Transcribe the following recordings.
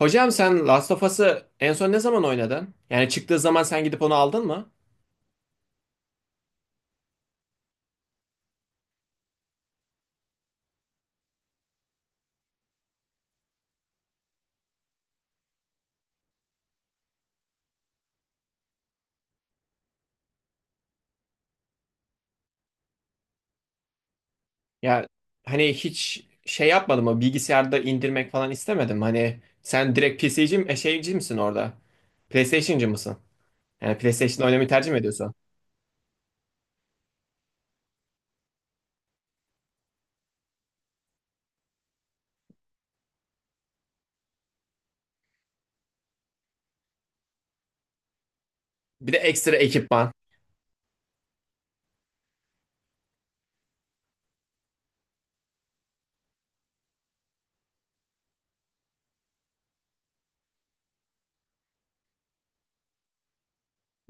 Hocam sen Last of Us'ı en son ne zaman oynadın? Yani çıktığı zaman sen gidip onu aldın mı? Ya hani hiç şey yapmadın mı? Bilgisayarda indirmek falan istemedim. Hani sen direkt PC'ci mi, şeyci misin orada? PlayStation'cı mısın? Yani PlayStation oynamayı tercih mi ediyorsun? Bir de ekstra ekipman.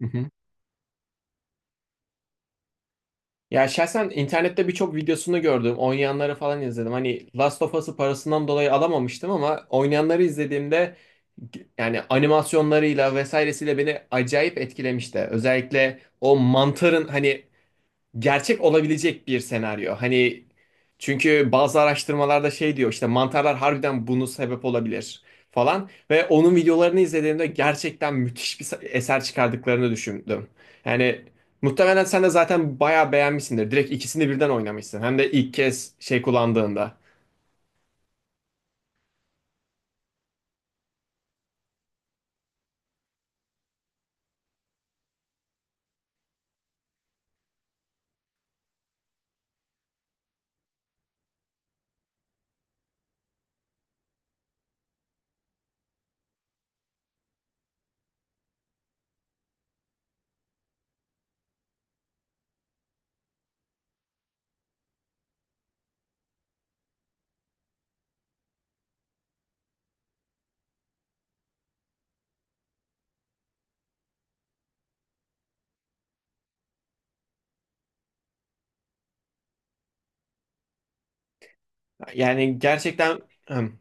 Hı hı. Ya şahsen internette birçok videosunu gördüm. Oynayanları falan izledim. Hani Last of Us'ı parasından dolayı alamamıştım ama oynayanları izlediğimde yani animasyonlarıyla vesairesiyle beni acayip etkilemişti. Özellikle o mantarın hani gerçek olabilecek bir senaryo. Hani çünkü bazı araştırmalarda şey diyor işte mantarlar harbiden bunu sebep olabilir falan ve onun videolarını izlediğimde gerçekten müthiş bir eser çıkardıklarını düşündüm. Yani muhtemelen sen de zaten bayağı beğenmişsindir. Direkt ikisini birden oynamışsın. Hem de ilk kez şey kullandığında. Yani gerçekten. Hım.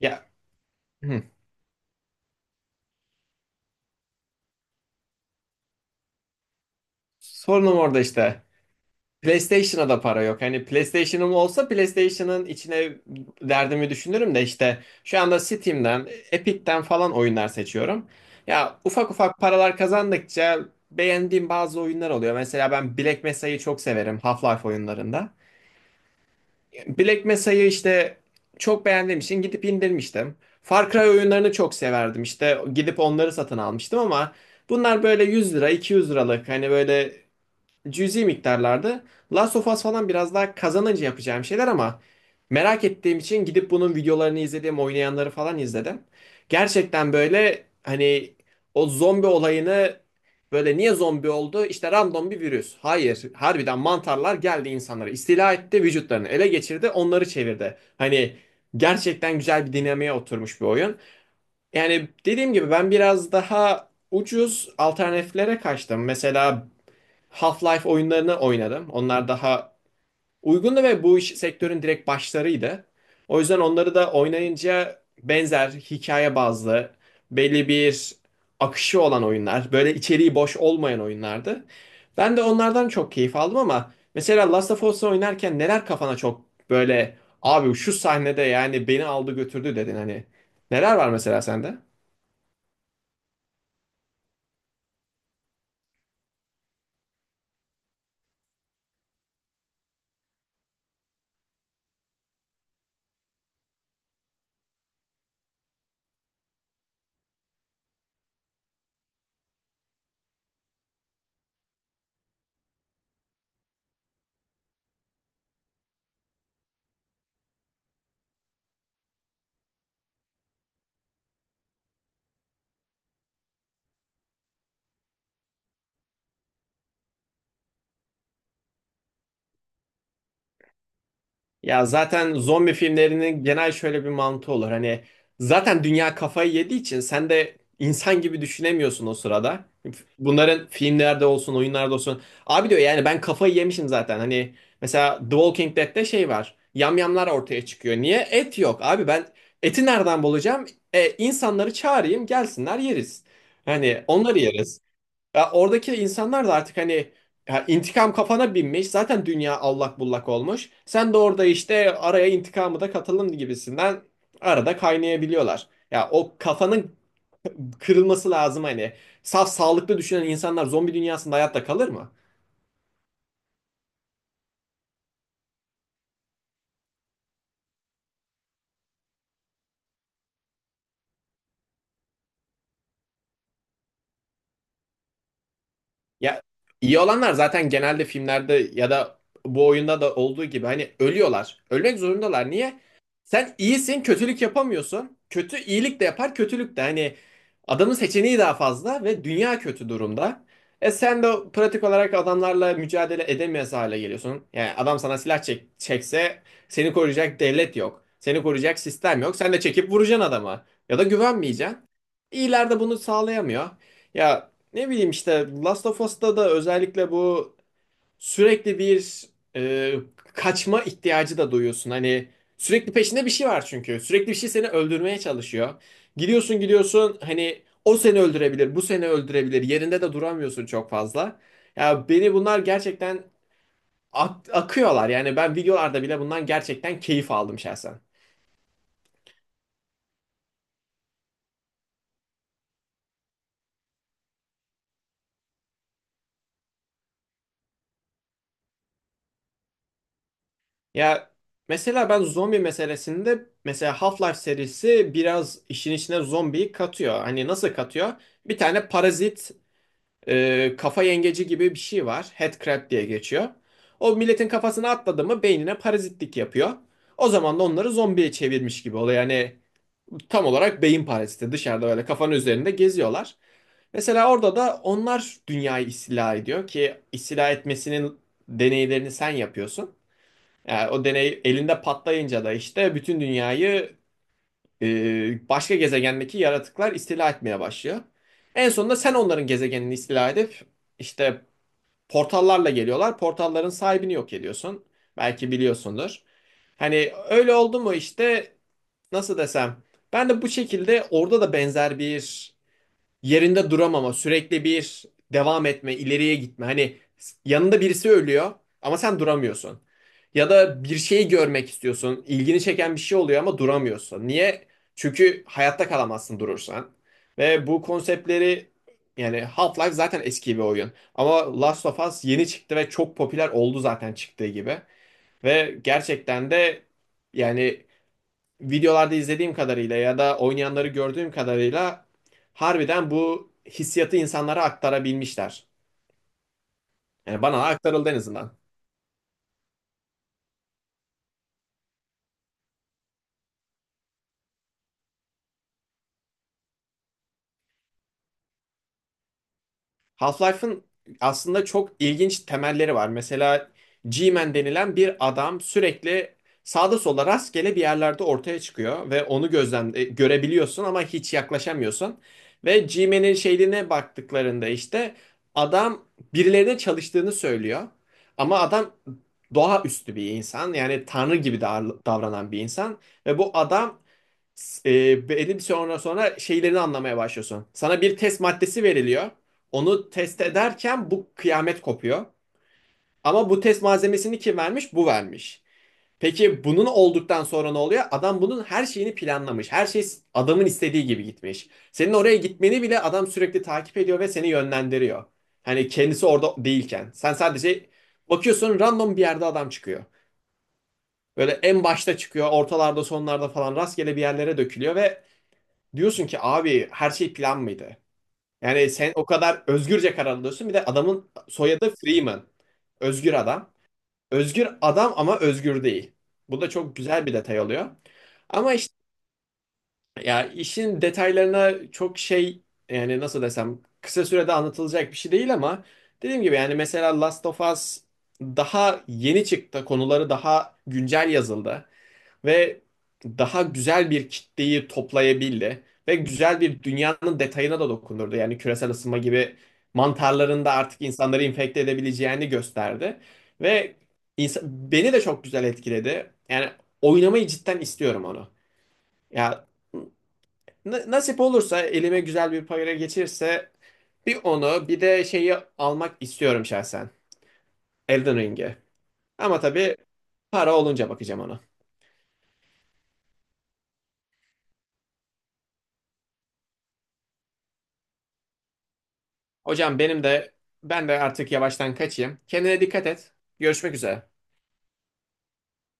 Ya hım, sorunum orada işte. PlayStation'a da para yok. Hani PlayStation'ım olsa PlayStation'ın içine derdimi düşünürüm de işte şu anda Steam'den, Epic'ten falan oyunlar seçiyorum. Ya ufak ufak paralar kazandıkça beğendiğim bazı oyunlar oluyor. Mesela ben Black Mesa'yı çok severim Half-Life oyunlarında. Black Mesa'yı işte çok beğendiğim için gidip indirmiştim. Far Cry oyunlarını çok severdim. İşte gidip onları satın almıştım ama bunlar böyle 100 lira, 200 liralık hani böyle cüzi miktarlarda. Last of Us falan biraz daha kazanınca yapacağım şeyler ama merak ettiğim için gidip bunun videolarını izledim, oynayanları falan izledim. Gerçekten böyle hani o zombi olayını böyle niye zombi oldu? İşte random bir virüs. Hayır, harbiden mantarlar geldi insanlara, istila etti, vücutlarını ele geçirdi, onları çevirdi. Hani gerçekten güzel bir dinamiğe oturmuş bir oyun. Yani dediğim gibi ben biraz daha ucuz alternatiflere kaçtım. Mesela Half-Life oyunlarını oynadım. Onlar daha uygundu ve bu iş sektörün direkt başlarıydı. O yüzden onları da oynayınca benzer hikaye bazlı belli bir akışı olan oyunlar, böyle içeriği boş olmayan oyunlardı. Ben de onlardan çok keyif aldım ama mesela Last of Us'ı oynarken neler kafana çok böyle abi şu sahnede yani beni aldı götürdü dedin hani. Neler var mesela sende? Ya zaten zombi filmlerinin genel şöyle bir mantığı olur. Hani zaten dünya kafayı yediği için sen de insan gibi düşünemiyorsun o sırada. Bunların filmlerde olsun, oyunlarda olsun. Abi diyor yani ben kafayı yemişim zaten. Hani mesela The Walking Dead'te şey var. Yamyamlar ortaya çıkıyor. Niye? Et yok. Abi ben eti nereden bulacağım? İnsanları çağırayım, gelsinler yeriz. Hani onları yeriz. Ya oradaki insanlar da artık hani ya intikam kafana binmiş. Zaten dünya allak bullak olmuş. Sen de orada işte araya intikamı da katalım gibisinden arada kaynayabiliyorlar. Ya o kafanın kırılması lazım hani. Saf sağlıklı düşünen insanlar zombi dünyasında hayatta kalır mı? Ya iyi olanlar zaten genelde filmlerde ya da bu oyunda da olduğu gibi hani ölüyorlar. Ölmek zorundalar. Niye? Sen iyisin, kötülük yapamıyorsun. Kötü iyilik de yapar, kötülük de. Hani adamın seçeneği daha fazla ve dünya kötü durumda. E sen de pratik olarak adamlarla mücadele edemez hale geliyorsun. Yani adam sana silah çek çekse seni koruyacak devlet yok. Seni koruyacak sistem yok. Sen de çekip vuracaksın adama. Ya da güvenmeyeceksin. İyiler de bunu sağlayamıyor. Ya ne bileyim işte Last of Us'ta da özellikle bu sürekli bir e, kaçma ihtiyacı da duyuyorsun. Hani sürekli peşinde bir şey var çünkü. Sürekli bir şey seni öldürmeye çalışıyor. Gidiyorsun gidiyorsun hani o seni öldürebilir, bu seni öldürebilir. Yerinde de duramıyorsun çok fazla. Ya beni bunlar gerçekten akıyorlar. Yani ben videolarda bile bundan gerçekten keyif aldım şahsen. Ya mesela ben zombi meselesinde mesela Half-Life serisi biraz işin içine zombiyi katıyor. Hani nasıl katıyor? Bir tane parazit, kafa yengeci gibi bir şey var. Headcrab diye geçiyor. O milletin kafasına atladı mı beynine parazitlik yapıyor. O zaman da onları zombiye çevirmiş gibi oluyor. Yani tam olarak beyin paraziti dışarıda öyle kafanın üzerinde geziyorlar. Mesela orada da onlar dünyayı istila ediyor ki istila etmesinin deneylerini sen yapıyorsun. Yani o deney elinde patlayınca da işte bütün dünyayı başka gezegendeki yaratıklar istila etmeye başlıyor. En sonunda sen onların gezegenini istila edip işte portallarla geliyorlar. Portalların sahibini yok ediyorsun. Belki biliyorsundur. Hani öyle oldu mu işte nasıl desem ben de bu şekilde orada da benzer bir yerinde duramama, sürekli bir devam etme, ileriye gitme. Hani yanında birisi ölüyor ama sen duramıyorsun. Ya da bir şeyi görmek istiyorsun, ilgini çeken bir şey oluyor ama duramıyorsun. Niye? Çünkü hayatta kalamazsın durursan. Ve bu konseptleri, yani Half-Life zaten eski bir oyun. Ama Last of Us yeni çıktı ve çok popüler oldu zaten çıktığı gibi. Ve gerçekten de yani videolarda izlediğim kadarıyla ya da oynayanları gördüğüm kadarıyla harbiden bu hissiyatı insanlara aktarabilmişler. Yani bana aktarıldı en azından. Half-Life'ın aslında çok ilginç temelleri var. Mesela G-Man denilen bir adam sürekli sağda solda rastgele bir yerlerde ortaya çıkıyor ve onu görebiliyorsun ama hiç yaklaşamıyorsun. Ve G-Man'in şeyine baktıklarında işte adam birilerine çalıştığını söylüyor. Ama adam doğaüstü bir insan, yani tanrı gibi davranan bir insan ve bu adam, benim sonra şeylerini anlamaya başlıyorsun. Sana bir test maddesi veriliyor. Onu test ederken bu kıyamet kopuyor. Ama bu test malzemesini kim vermiş? Bu vermiş. Peki bunun olduktan sonra ne oluyor? Adam bunun her şeyini planlamış. Her şey adamın istediği gibi gitmiş. Senin oraya gitmeni bile adam sürekli takip ediyor ve seni yönlendiriyor. Hani kendisi orada değilken. Sen sadece bakıyorsun random bir yerde adam çıkıyor. Böyle en başta çıkıyor, ortalarda, sonlarda falan rastgele bir yerlere dökülüyor ve diyorsun ki abi her şey plan mıydı? Yani sen o kadar özgürce karar alıyorsun. Bir de adamın soyadı Freeman. Özgür adam. Özgür adam ama özgür değil. Bu da çok güzel bir detay oluyor. Ama işte ya işin detaylarına çok şey, yani nasıl desem kısa sürede anlatılacak bir şey değil ama dediğim gibi yani mesela Last of Us daha yeni çıktı. Konuları daha güncel yazıldı ve daha güzel bir kitleyi toplayabildi ve güzel bir dünyanın detayına da dokundurdu. Yani küresel ısınma gibi mantarlarında artık insanları infekte edebileceğini gösterdi ve insan, beni de çok güzel etkiledi. Yani oynamayı cidden istiyorum onu. Ya nasip olursa elime güzel bir para geçirse bir onu bir de şeyi almak istiyorum şahsen. Elden Ring'i. Ama tabii para olunca bakacağım ona. Hocam benim de ben de artık yavaştan kaçayım. Kendine dikkat et. Görüşmek üzere.